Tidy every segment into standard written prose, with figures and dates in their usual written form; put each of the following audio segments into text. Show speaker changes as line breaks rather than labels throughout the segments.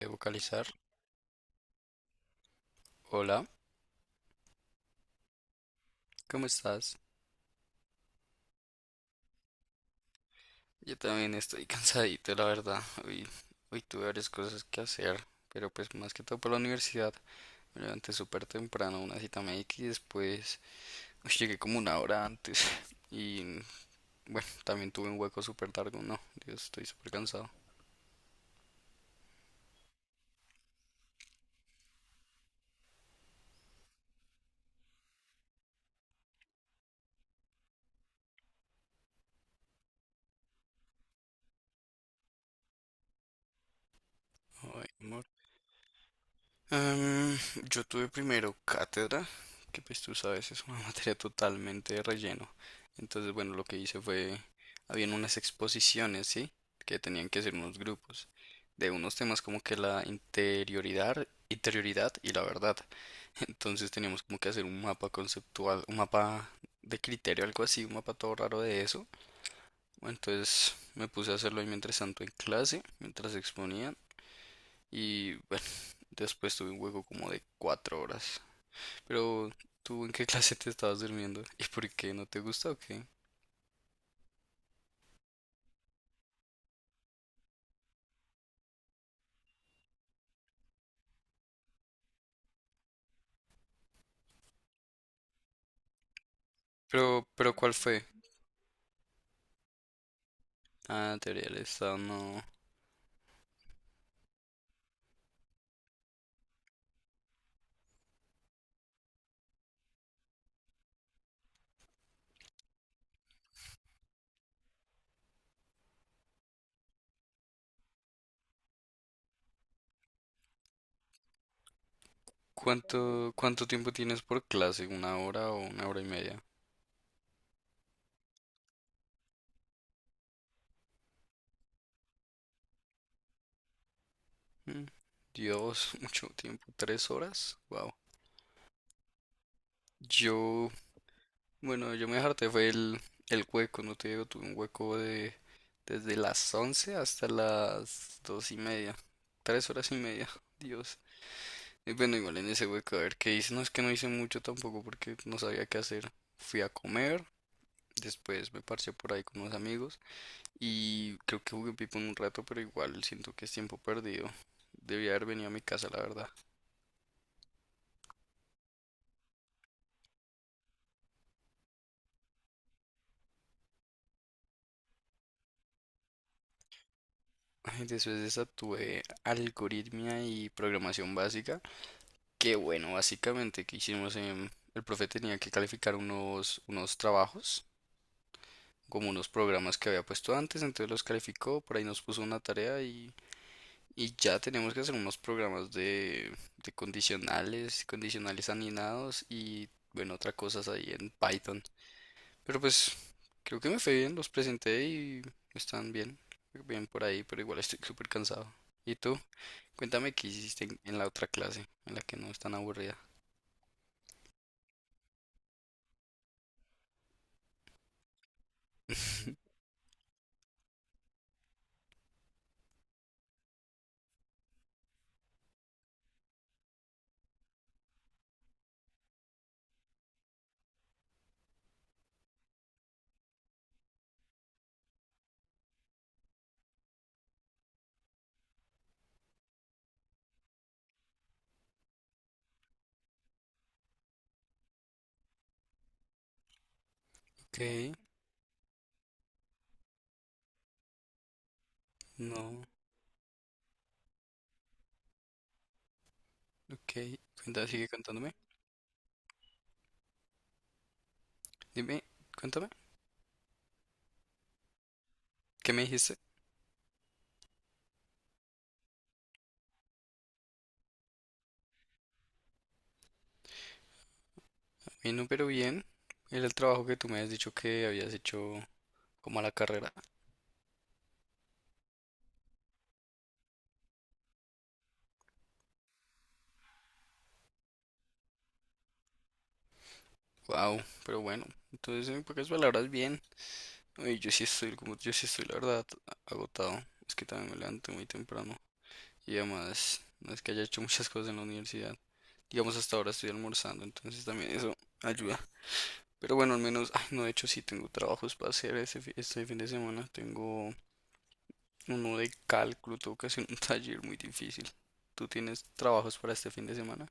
De vocalizar. Hola, ¿cómo estás? Yo también estoy cansadito, la verdad. Hoy tuve varias cosas que hacer, pero pues más que todo por la universidad. Me levanté súper temprano, una cita médica y después uy, llegué como una hora antes. Y bueno, también tuve un hueco súper largo. No, Dios, estoy súper cansado. Ay, Am, yo tuve primero cátedra, que pues tú sabes, es una materia totalmente de relleno. Entonces, bueno, lo que hice fue, habían unas exposiciones, ¿sí? Que tenían que ser unos grupos de unos temas como que la interioridad, interioridad y la verdad. Entonces teníamos como que hacer un mapa conceptual, un mapa de criterio, algo así, un mapa todo raro de eso. Entonces me puse a hacerlo ahí mientras tanto en clase, mientras exponía y bueno, después tuve un hueco como de cuatro horas. Pero, ¿tú en qué clase te estabas durmiendo? ¿Y por qué? ¿No te gusta o qué? Pero ¿cuál fue? Ah, teoría del Estado, no. ¿Cuánto tiempo tienes por clase? ¿Una hora o una hora y media? Mm, Dios, mucho tiempo. ¿Tres horas? Wow. Yo, bueno, yo me harté fue el hueco, no te digo, tuve un hueco de desde las 11 hasta las dos y media. Tres horas y media. Dios. Y bueno, igual en ese hueco, a ver qué hice. No es que no hice mucho tampoco porque no sabía qué hacer. Fui a comer, después me parché por ahí con unos amigos y creo que jugué Pipo un rato, pero igual siento que es tiempo perdido. Debía haber venido a mi casa, la verdad. Después de esa tuve algoritmia y programación básica. Que bueno, básicamente que hicimos en... El profe tenía que calificar unos trabajos, como unos programas que había puesto antes, entonces los calificó, por ahí nos puso una tarea y ya tenemos que hacer unos programas de condicionales, condicionales anidados y bueno, otras cosas ahí en Python. Pero pues creo que me fue bien, los presenté y están bien, bien por ahí, pero igual estoy súper cansado. ¿Y tú? Cuéntame qué hiciste en la otra clase, en la que no es tan aburrida. Ok, no, ok. Cuenta, sigue contándome. Dime, cuéntame, ¿qué me dijiste? Mi número bien, era el trabajo que tú me has dicho que habías hecho como a la carrera. Wow, pero bueno, entonces en pocas palabras bien. Oye, yo sí estoy, como yo sí estoy la verdad agotado. Es que también me levanto muy temprano y además no es que haya hecho muchas cosas en la universidad. Digamos hasta ahora estoy almorzando, entonces también eso ayuda. Pero bueno, al menos, ay, no, de hecho sí tengo trabajos para hacer ese, este fin de semana. Tengo uno de cálculo, tengo que hacer un taller muy difícil. ¿Tú tienes trabajos para este fin de semana?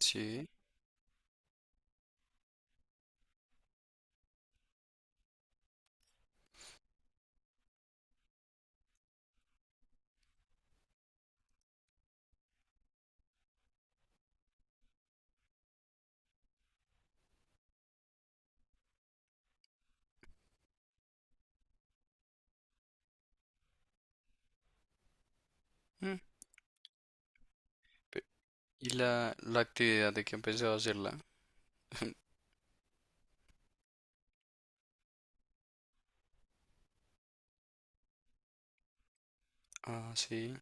Sí. Mm, pe- ¿Y la actividad de que empezado a hacerla? Ah, sí.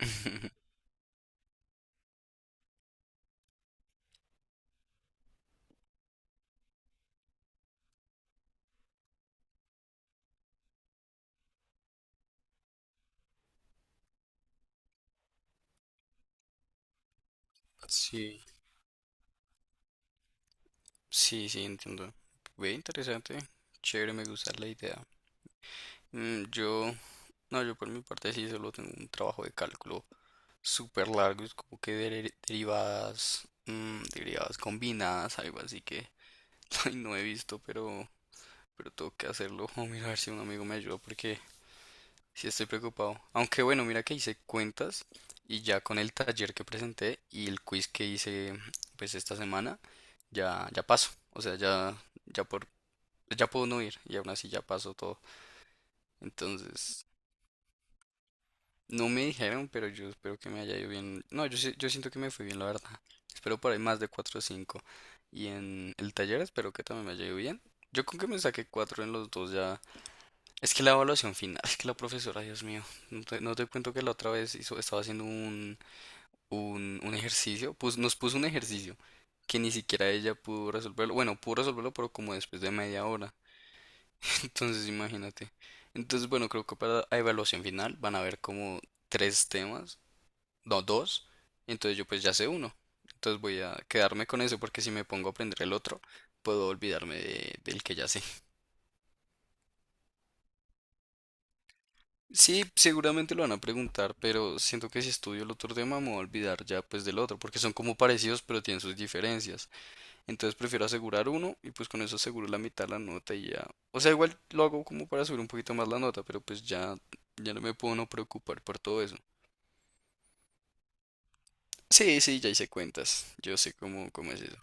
Sí, sí, sí, entiendo. Ve interesante, chévere, me gusta la idea. Mm, yo, no, yo por mi parte sí solo tengo un trabajo de cálculo súper largo, es como que derivadas, mm, derivadas combinadas, algo así que ay, no he visto, pero tengo que hacerlo. Mira, a ver si un amigo me ayuda porque sí estoy preocupado. Aunque bueno, mira que hice cuentas y ya con el taller que presenté y el quiz que hice pues esta semana, ya, ya paso. O sea, ya, ya por ya puedo no ir y aún así ya pasó todo. Entonces, no me dijeron, pero yo espero que me haya ido bien. No, yo, yo siento que me fue bien, la verdad. Espero por ahí más de 4 o cinco. Y en el taller espero que también me haya ido bien. Yo con que me saqué 4 en los dos ya. Es que la evaluación final, es que la profesora, Dios mío, no te cuento que la otra vez hizo, estaba haciendo un ejercicio, pues nos puso un ejercicio que ni siquiera ella pudo resolverlo. Bueno, pudo resolverlo, pero como después de media hora. Entonces, imagínate. Entonces, bueno, creo que para la evaluación final van a haber como tres temas, no, dos. Entonces yo pues ya sé uno. Entonces voy a quedarme con eso porque si me pongo a aprender el otro, puedo olvidarme del que ya sé. Sí, seguramente lo van a preguntar, pero siento que si estudio el otro tema me voy a olvidar ya pues del otro, porque son como parecidos pero tienen sus diferencias. Entonces prefiero asegurar uno y pues con eso aseguro la mitad de la nota y ya. O sea, igual lo hago como para subir un poquito más la nota, pero pues ya, ya no me puedo no preocupar por todo eso. Sí, sí, ya hice cuentas. Yo sé cómo es eso.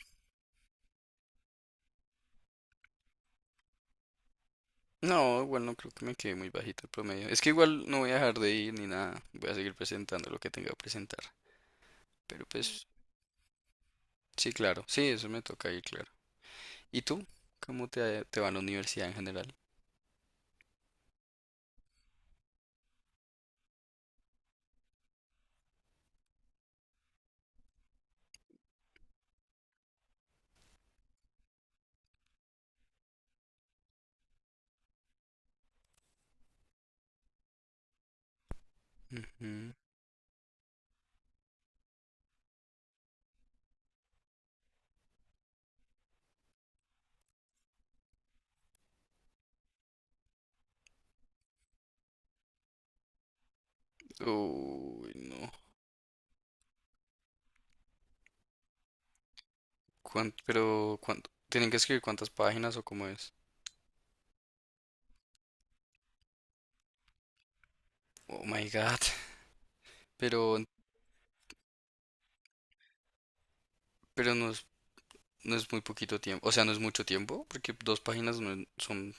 No, igual no creo que me quede muy bajito el promedio. Es que igual no voy a dejar de ir ni nada. Voy a seguir presentando lo que tenga que presentar. Pero pues, sí, claro. Sí, eso me toca ir, claro. ¿Y tú? ¿Cómo te va a la universidad en general? Ujú. Uy, no. Pero cuánto, tienen que escribir cuántas páginas o cómo es. Oh my God. Pero, pero no no es muy poquito tiempo. O sea, no es mucho tiempo, porque dos páginas no es- son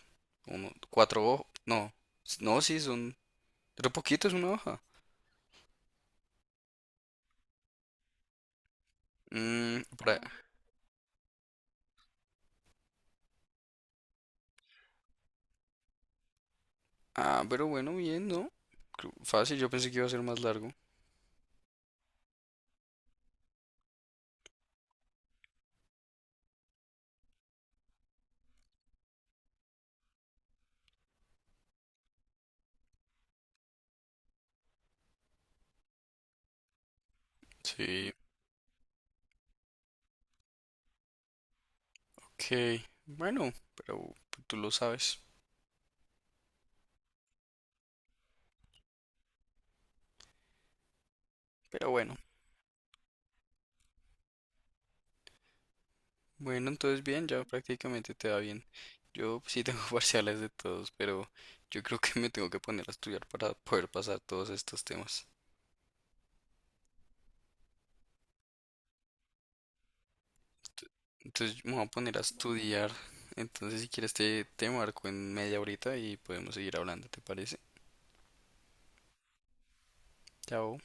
uno, cuatro hojas. No, s- no, sí, son. Pero poquito es una hoja. Mm, para- Ah, pero bueno, bien, ¿no? Creo- Fácil, yo pensé que iba a ser más largo. Sí, ok. Bueno, pero tú lo sabes. Pero bueno. Bueno, entonces bien, ya prácticamente te va bien. Yo sí tengo parciales de todos, pero yo creo que me tengo que poner a estudiar para poder pasar todos estos temas. Ent- Entonces me voy a poner a estudiar. Entonces si quieres te marco en media horita y podemos seguir hablando, ¿te parece? Chao.